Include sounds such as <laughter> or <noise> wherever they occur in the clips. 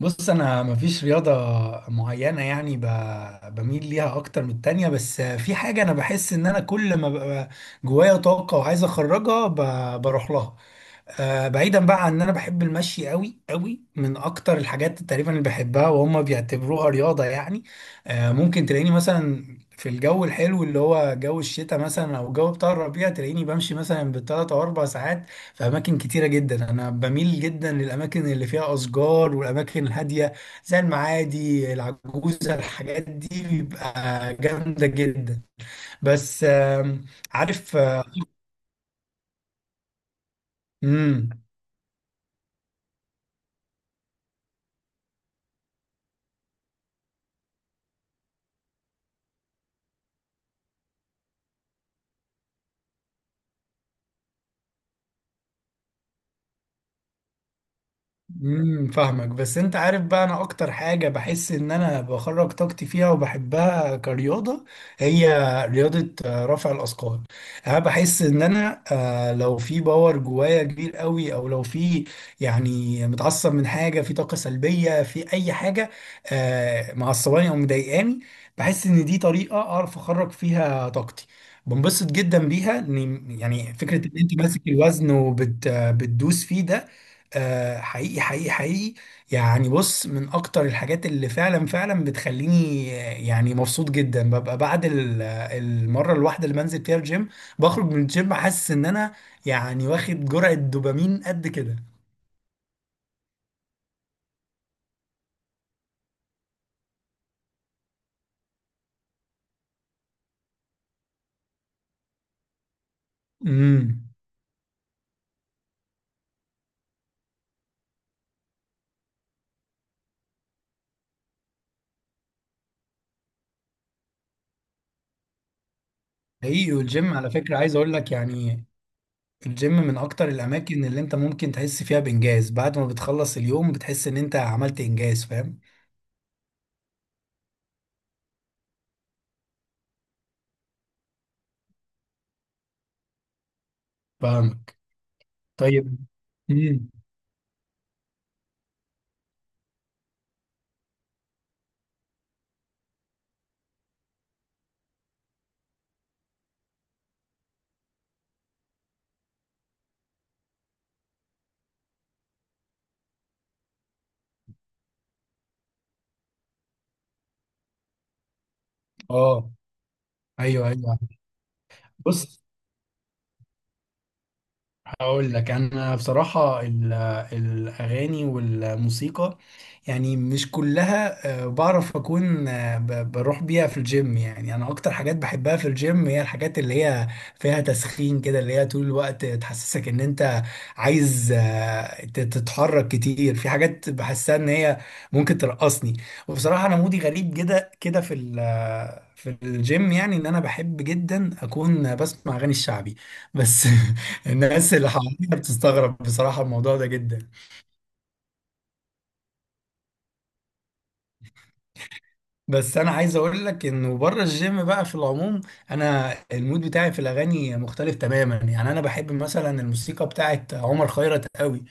بص، انا مفيش رياضه معينه يعني بميل ليها اكتر من التانية، بس في حاجه انا بحس ان انا كل ما ببقى جوايا طاقه وعايز اخرجها بروح لها. بعيدا بقى عن ان انا بحب المشي قوي قوي، من اكتر الحاجات تقريبا اللي بحبها وهم بيعتبروها رياضه يعني. ممكن تلاقيني مثلا في الجو الحلو اللي هو جو الشتاء مثلا او الجو بتاع الربيع، تلاقيني بمشي مثلا بالثلاث او اربع ساعات في أماكن كتيرة جدا. أنا بميل جدا للأماكن اللي فيها أشجار والأماكن الهادية، زي المعادي العجوزة، الحاجات دي بيبقى جامدة جدا. بس عارف مم. امم، فاهمك، بس انت عارف بقى انا اكتر حاجة بحس ان انا بخرج طاقتي فيها وبحبها كرياضة، هي رياضة رفع الاثقال. انا بحس ان انا، لو في باور جوايا كبير قوي، او لو في يعني متعصب من حاجة، في طاقة سلبية في اي حاجة، معصباني او مضايقاني، بحس ان دي طريقة اعرف اخرج فيها طاقتي. بنبسط جدا بيها، يعني فكرة ان انت ماسك الوزن وبتدوس فيه ده، آه، حقيقي حقيقي حقيقي. يعني بص، من اكتر الحاجات اللي فعلا فعلا بتخليني يعني مبسوط جدا ببقى بعد المره الواحده اللي بنزل فيها الجيم، بخرج من الجيم حاسس ان انا يعني واخد جرعه دوبامين قد كده. امم. حقيقي، والجيم على فكره، عايز اقول لك يعني الجيم من اكتر الاماكن اللي انت ممكن تحس فيها بانجاز. بعد ما بتخلص اليوم بتحس ان انت عملت انجاز، فاهم؟ فاهمك. طيب. امم. اه. ايوه ايوه. بص، هقول لك انا بصراحه، الاغاني والموسيقى يعني مش كلها بعرف اكون بروح بيها في الجيم. يعني انا اكتر حاجات بحبها في الجيم هي الحاجات اللي هي فيها تسخين كده، اللي هي طول الوقت تحسسك ان انت عايز تتحرك كتير، في حاجات بحسها ان هي ممكن ترقصني. وبصراحه انا مودي غريب كده كده في في الجيم، يعني ان انا بحب جدا اكون بسمع اغاني الشعبي بس. <laughs> الناس اللي حواليا بتستغرب بصراحة الموضوع ده جدا. بس أنا عايز أقول لك إنه بره الجيم بقى في العموم، أنا المود بتاعي في الأغاني مختلف تماما. يعني أنا بحب مثلا الموسيقى بتاعت عمر خيرت قوي.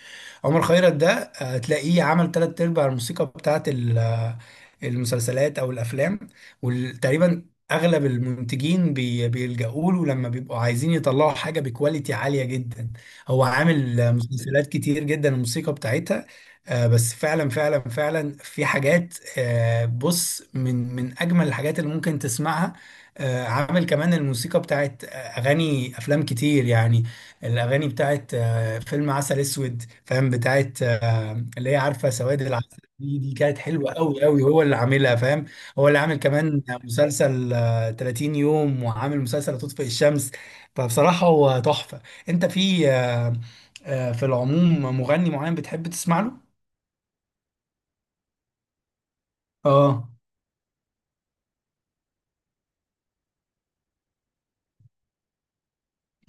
عمر خيرت ده تلاقيه عمل تلات أرباع الموسيقى بتاعت المسلسلات أو الأفلام. وتقريبا أغلب المنتجين بيلجأوا له لما بيبقوا عايزين يطلعوا حاجة بكواليتي عالية جدا. هو عامل مسلسلات كتير جدا الموسيقى بتاعتها. بس فعلا فعلا فعلا في حاجات، بص، من من اجمل الحاجات اللي ممكن تسمعها. عامل كمان الموسيقى بتاعت اغاني افلام كتير يعني. الاغاني بتاعت فيلم عسل اسود، فاهم، بتاعت اللي هي عارفه سواد العسل دي، دي كانت حلوه قوي قوي، هو اللي عاملها، فاهم. هو اللي عامل كمان مسلسل 30 يوم، وعامل مسلسل تطفئ الشمس. فبصراحه هو تحفه. انت في في العموم مغني معين بتحب تسمع له؟ اه.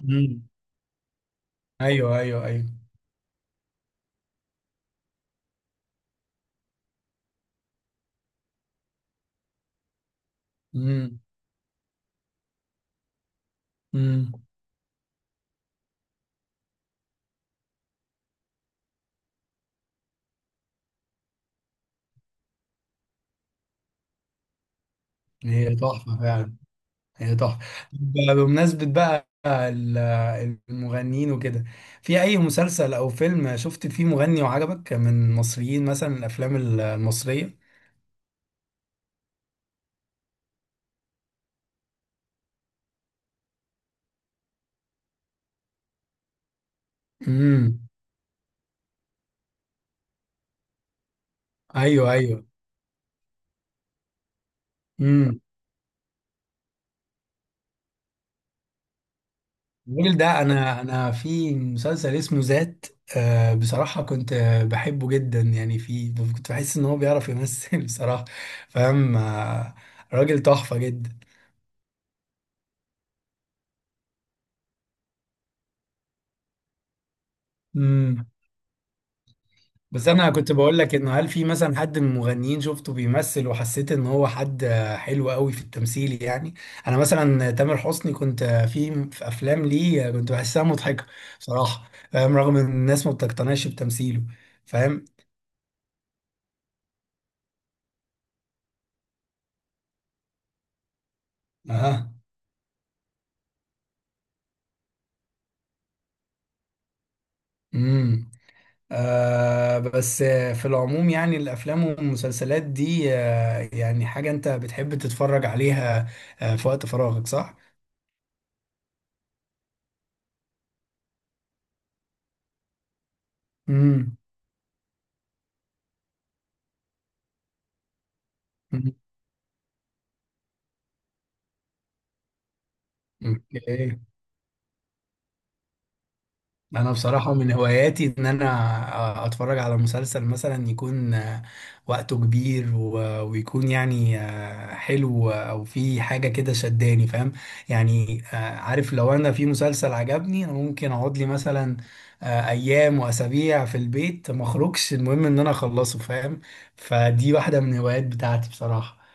امم. ايوه ايوه ايوه. امم. امم. هي تحفه فعلا. هي تحفه. بمناسبه بقى المغنيين وكده، في اي مسلسل او فيلم شفت فيه مغني وعجبك من المصريين، مثلا الافلام المصريه؟ امم. ايوه ايوه. امم. الراجل ده انا، في مسلسل اسمه ذات، آه، بصراحه كنت بحبه جدا يعني، في كنت بحس ان هو بيعرف يمثل. <laughs> بصراحه، فاهم، آه، راجل تحفه جدا. امم. بس انا كنت بقول لك انه، هل في مثلا حد من المغنيين شفته بيمثل وحسيت ان هو حد حلو قوي في التمثيل يعني؟ انا مثلا تامر حسني كنت في في افلام ليه كنت بحسها مضحكه بصراحه، فاهم، رغم ان الناس ما بتقتنعش بتمثيله. فاهم. اه. امم. آه. بس في العموم يعني الافلام والمسلسلات دي، آه، يعني حاجه انت بتحب تتفرج عليها في وقت فراغك، صح؟ امم. اوكي. انا بصراحة من هواياتي ان انا اتفرج على مسلسل مثلا يكون وقته كبير ويكون يعني حلو، او في حاجة كده شداني، فاهم. يعني عارف، لو انا في مسلسل عجبني، انا ممكن اقعد لي مثلا ايام واسابيع في البيت ما اخرجش، المهم ان انا اخلصه، فاهم. فدي واحدة من الهوايات بتاعتي بصراحة.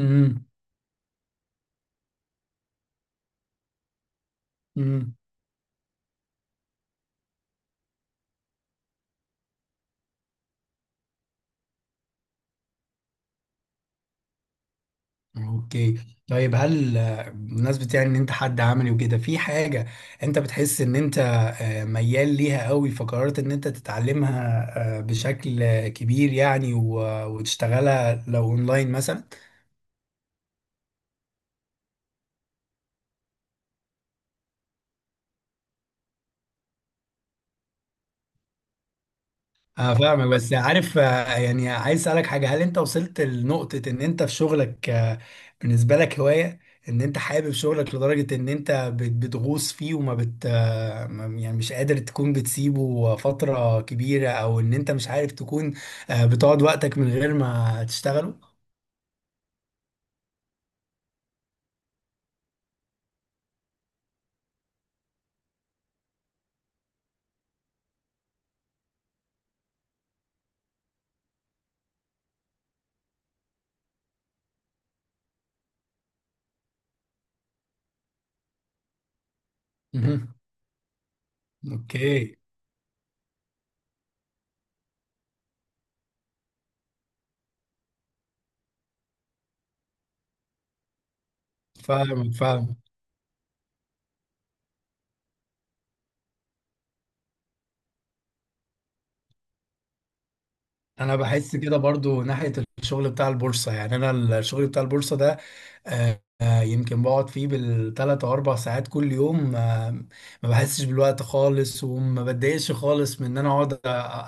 امم. امم. اوكي. طيب، هل بمناسبة يعني ان انت حد عملي وكده، في حاجة انت بتحس ان انت ميال ليها قوي فقررت ان انت تتعلمها بشكل كبير يعني، وتشتغلها لو اونلاين مثلا؟ اه، فاهمك، بس عارف يعني عايز اسالك حاجه، هل انت وصلت لنقطه ان انت في شغلك بالنسبه لك هوايه، ان انت حابب شغلك لدرجه ان انت بتغوص فيه، وما بت آه، ما- يعني مش قادر تكون بتسيبه فتره كبيره، او ان انت مش عارف تكون بتقعد وقتك من غير ما تشتغله؟ مهم. اوكي. فاهمك فاهمك. انا بحس كده برضو ناحية الشغل بتاع البورصة. يعني انا الشغل بتاع البورصة ده، يمكن بقعد فيه بالثلاث او اربع ساعات كل يوم، ما بحسش بالوقت خالص، وما بتضايقش خالص من ان انا اقعد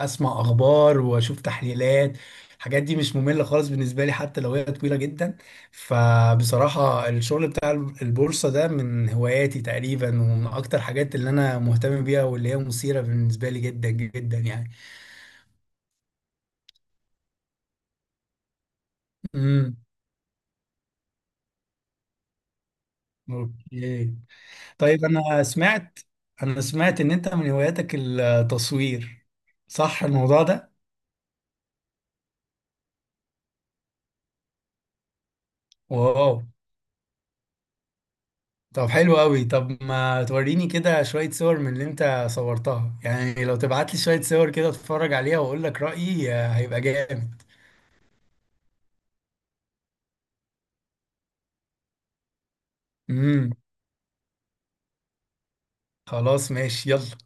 اسمع اخبار واشوف تحليلات. الحاجات دي مش مملة خالص بالنسبة لي حتى لو هي طويلة جدا. فبصراحة الشغل بتاع البورصة ده من هواياتي تقريبا، ومن اكتر حاجات اللي انا مهتم بيها واللي هي مثيرة بالنسبة لي جدا جدا يعني. امم. اوكي. طيب انا سمعت، انا سمعت ان انت من هواياتك التصوير، صح الموضوع ده؟ واو، طب حلو قوي. طب ما توريني كده شوية صور من اللي انت صورتها، يعني لو تبعت لي شوية صور كده اتفرج عليها واقول لك رأيي، هيبقى جامد. امم. خلاص، ماشي، يلا.